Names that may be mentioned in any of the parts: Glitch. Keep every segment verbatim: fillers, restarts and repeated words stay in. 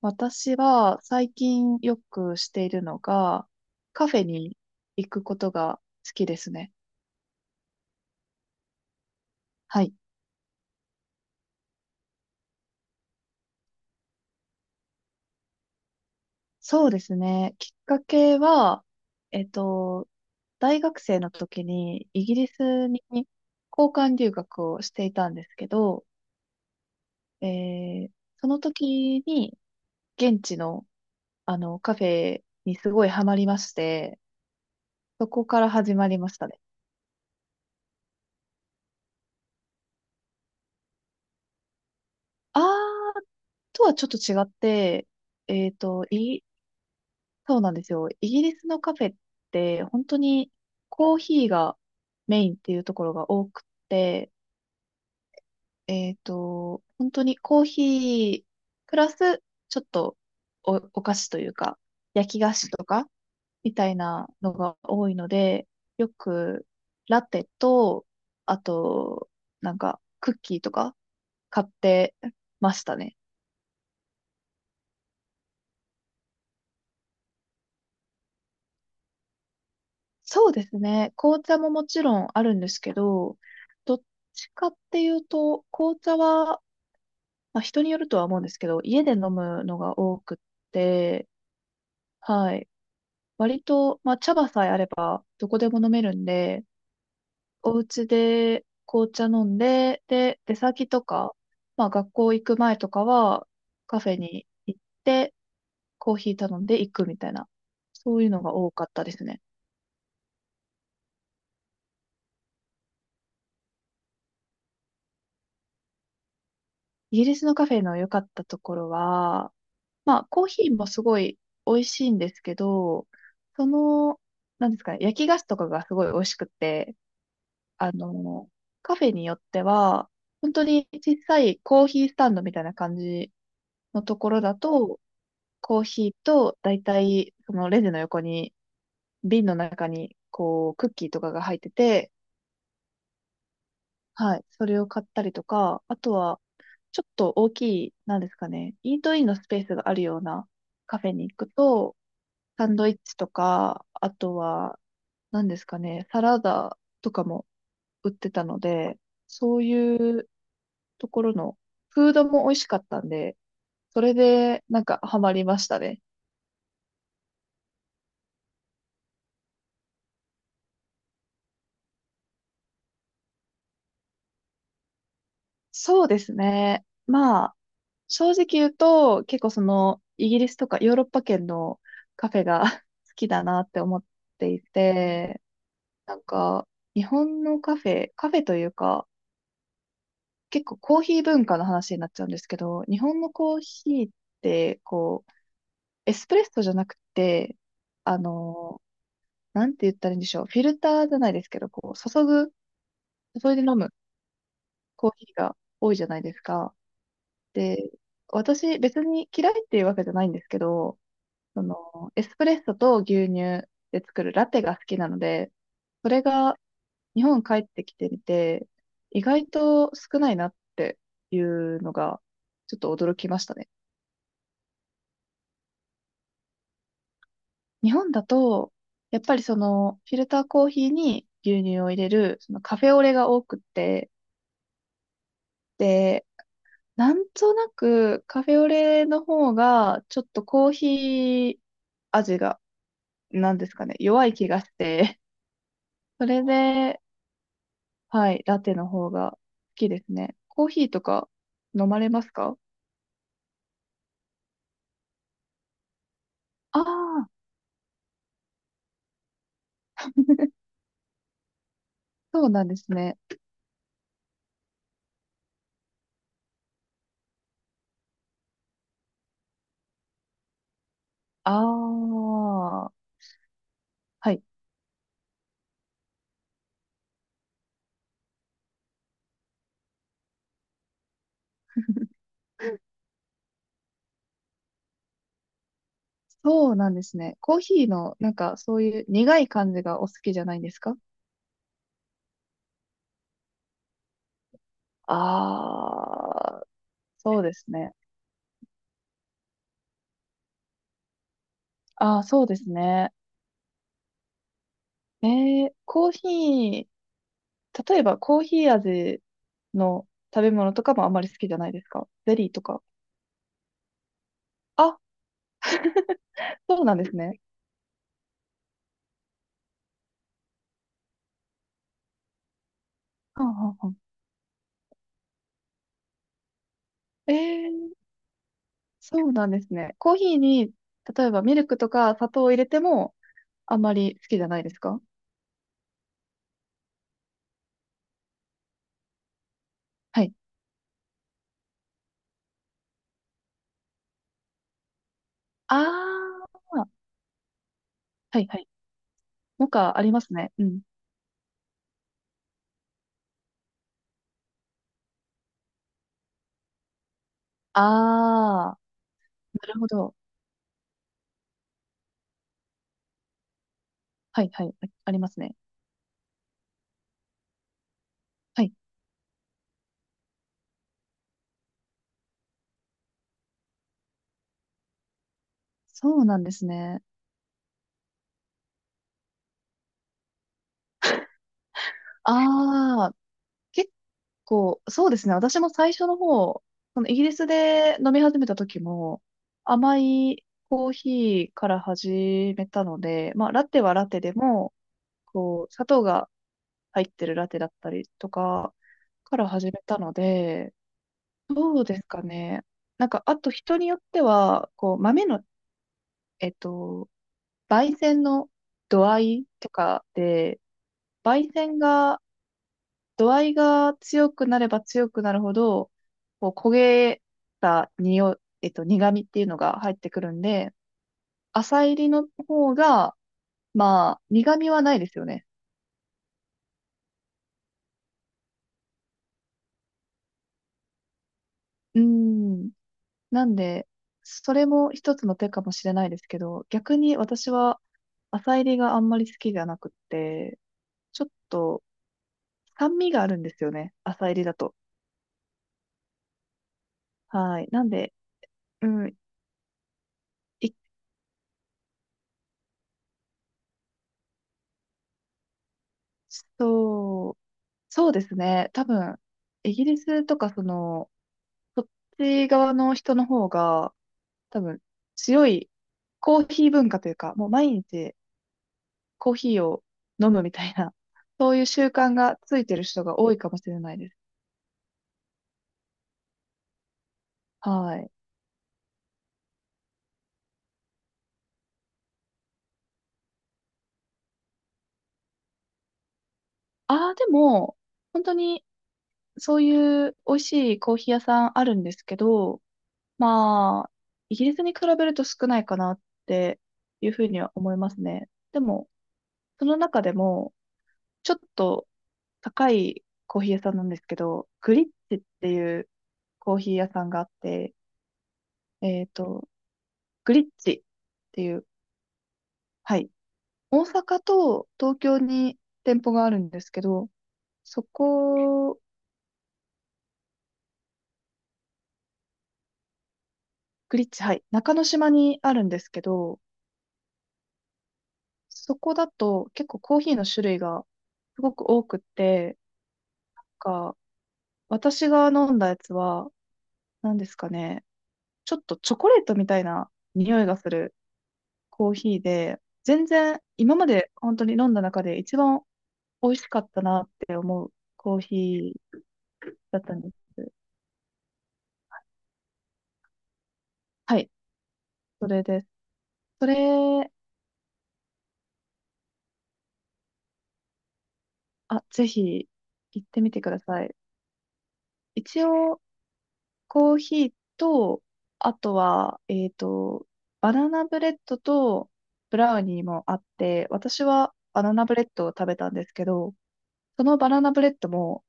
私は最近よくしているのが、カフェに行くことが好きですね。はい。そうですね。きっかけは、えっと、大学生の時にイギリスに交換留学をしていたんですけど、えーその時に現地のあのカフェにすごいハマりまして、そこから始まりましたね。あーとはちょっと違って、えっと、イそうなんですよ。イギリスのカフェって本当にコーヒーがメインっていうところが多くて、えっと、本当にコーヒープラスちょっとお、お菓子というか焼き菓子とかみたいなのが多いので、よくラテと、あと、なんかクッキーとか買ってましたね。そうですね。紅茶ももちろんあるんですけど、どっちかっていうと、紅茶は、まあ、人によるとは思うんですけど、家で飲むのが多くって、はい。割と、まあ、茶葉さえあれば、どこでも飲めるんで、お家で紅茶飲んで、で、出先とか、まあ、学校行く前とかは、カフェに行って、コーヒー頼んで行くみたいな、そういうのが多かったですね。イギリスのカフェの良かったところは、まあ、コーヒーもすごい美味しいんですけど、その、なんですかね、焼き菓子とかがすごい美味しくて、あの、カフェによっては、本当に小さいコーヒースタンドみたいな感じのところだと、コーヒーとだいたいそのレジの横に、瓶の中に、こう、クッキーとかが入ってて、はい、それを買ったりとか、あとは、ちょっと大きい、なんですかね、イートインのスペースがあるようなカフェに行くと、サンドイッチとか、あとは、何ですかね、サラダとかも売ってたので、そういうところのフードも美味しかったんで、それでなんかハマりましたね。そうですね。まあ、正直言うと、結構その、イギリスとかヨーロッパ圏のカフェが 好きだなって思っていて、なんか、日本のカフェ、カフェというか、結構コーヒー文化の話になっちゃうんですけど、日本のコーヒーって、こう、エスプレッソじゃなくて、あの、なんて言ったらいいんでしょう。フィルターじゃないですけど、こう、注ぐ、注いで飲むコーヒーが多いじゃないですか。で、私、別に嫌いっていうわけじゃないんですけど、その、エスプレッソと牛乳で作るラテが好きなので、それが日本帰ってきてみて、意外と少ないなっていうのが、ちょっと驚きましたね。日本だと、やっぱりその、フィルターコーヒーに牛乳を入れる、そのカフェオレが多くって、で、なんとなくカフェオレの方が、ちょっとコーヒー味が、なんですかね、弱い気がして、それで、はい、ラテの方が好きですね。コーヒーとか飲まれますか？ああ、そうなんですね。ああ、はい。そうなんですね。コーヒーの、なんか、そういう苦い感じがお好きじゃないんですか？ああ、そうですね。ああ、そうですね。えー、コーヒー、例えばコーヒー味の食べ物とかもあんまり好きじゃないですか？ゼリーとか。あ、そうなんですね。はんはんはん。えー、そうなんですね。コーヒーに、例えばミルクとか砂糖を入れてもあんまり好きじゃないですか？はい。ああ、はいはい。モカありますね。うん。ああ、なるほど。はいはい。あ、ありますね。はい。そうなんですね。ああ、結構、そうですね。私も最初の方、そのイギリスで飲み始めた時も、甘いコーヒーから始めたので、まあ、ラテはラテでも、こう、砂糖が入ってるラテだったりとかから始めたので、どうですかね。なんか、あと人によっては、こう、豆の、えっと、焙煎の度合いとかで、焙煎が度合いが強くなれば強くなるほど、こう焦げた匂い、えっと、苦味っていうのが入ってくるんで、浅煎りの方が、まあ、苦味はないですよね。うん。なんで、それも一つの手かもしれないですけど、逆に私は浅煎りがあんまり好きじゃなくって、ちょっと酸味があるんですよね。浅煎りだと。はい。なんで、うん、い、そう。そうですね。多分、イギリスとか、その、そっち側の人の方が、多分、強いコーヒー文化というか、もう毎日コーヒーを飲むみたいな、そういう習慣がついてる人が多いかもしれないです。はい。ああ、でも、本当に、そういう美味しいコーヒー屋さんあるんですけど、まあ、イギリスに比べると少ないかなっていうふうには思いますね。でも、その中でも、ちょっと、高いコーヒー屋さんなんですけど、グリッチっていうコーヒー屋さんがあって、えっと、グリッチっていう、はい。大阪と東京に店舗があるんですけど、そこ、グリッチ、はい。中之島にあるんですけど、そこだと結構コーヒーの種類がすごく多くって、なんか私が飲んだやつは、何ですかね、ちょっとチョコレートみたいな匂いがするコーヒーで、全然今まで本当に飲んだ中で一番美味しかったなって思うコーヒーだったんです。はい、それです。それ、あ、ぜひ行ってみてください。一応、コーヒーと、あとは、えっと、バナナブレッドとブラウニーもあって、私はバナナブレッドを食べたんですけど、そのバナナブレッドも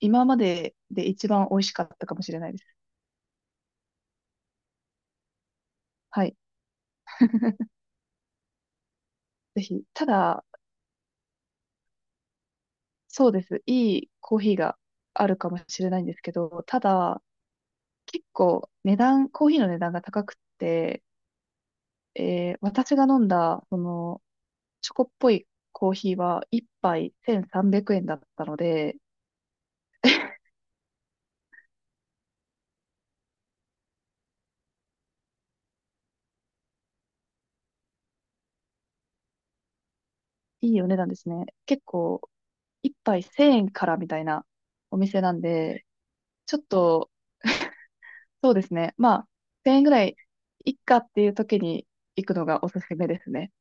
今までで一番美味しかったかもしれないです。はい。ぜひ。ただ、そうです。いいコーヒーがあるかもしれないんですけど、ただ、結構値段、コーヒーの値段が高くて、えー私が飲んだ、その、チョコっぽいコーヒーはいっぱいせんさんびゃくえんだったので、いいお値段ですね。結構、いっぱいせんえんからみたいなお店なんで、ちょっと、そうですね。まあ、せんえんぐらいいっかっていう時に行くのがおすすめですね。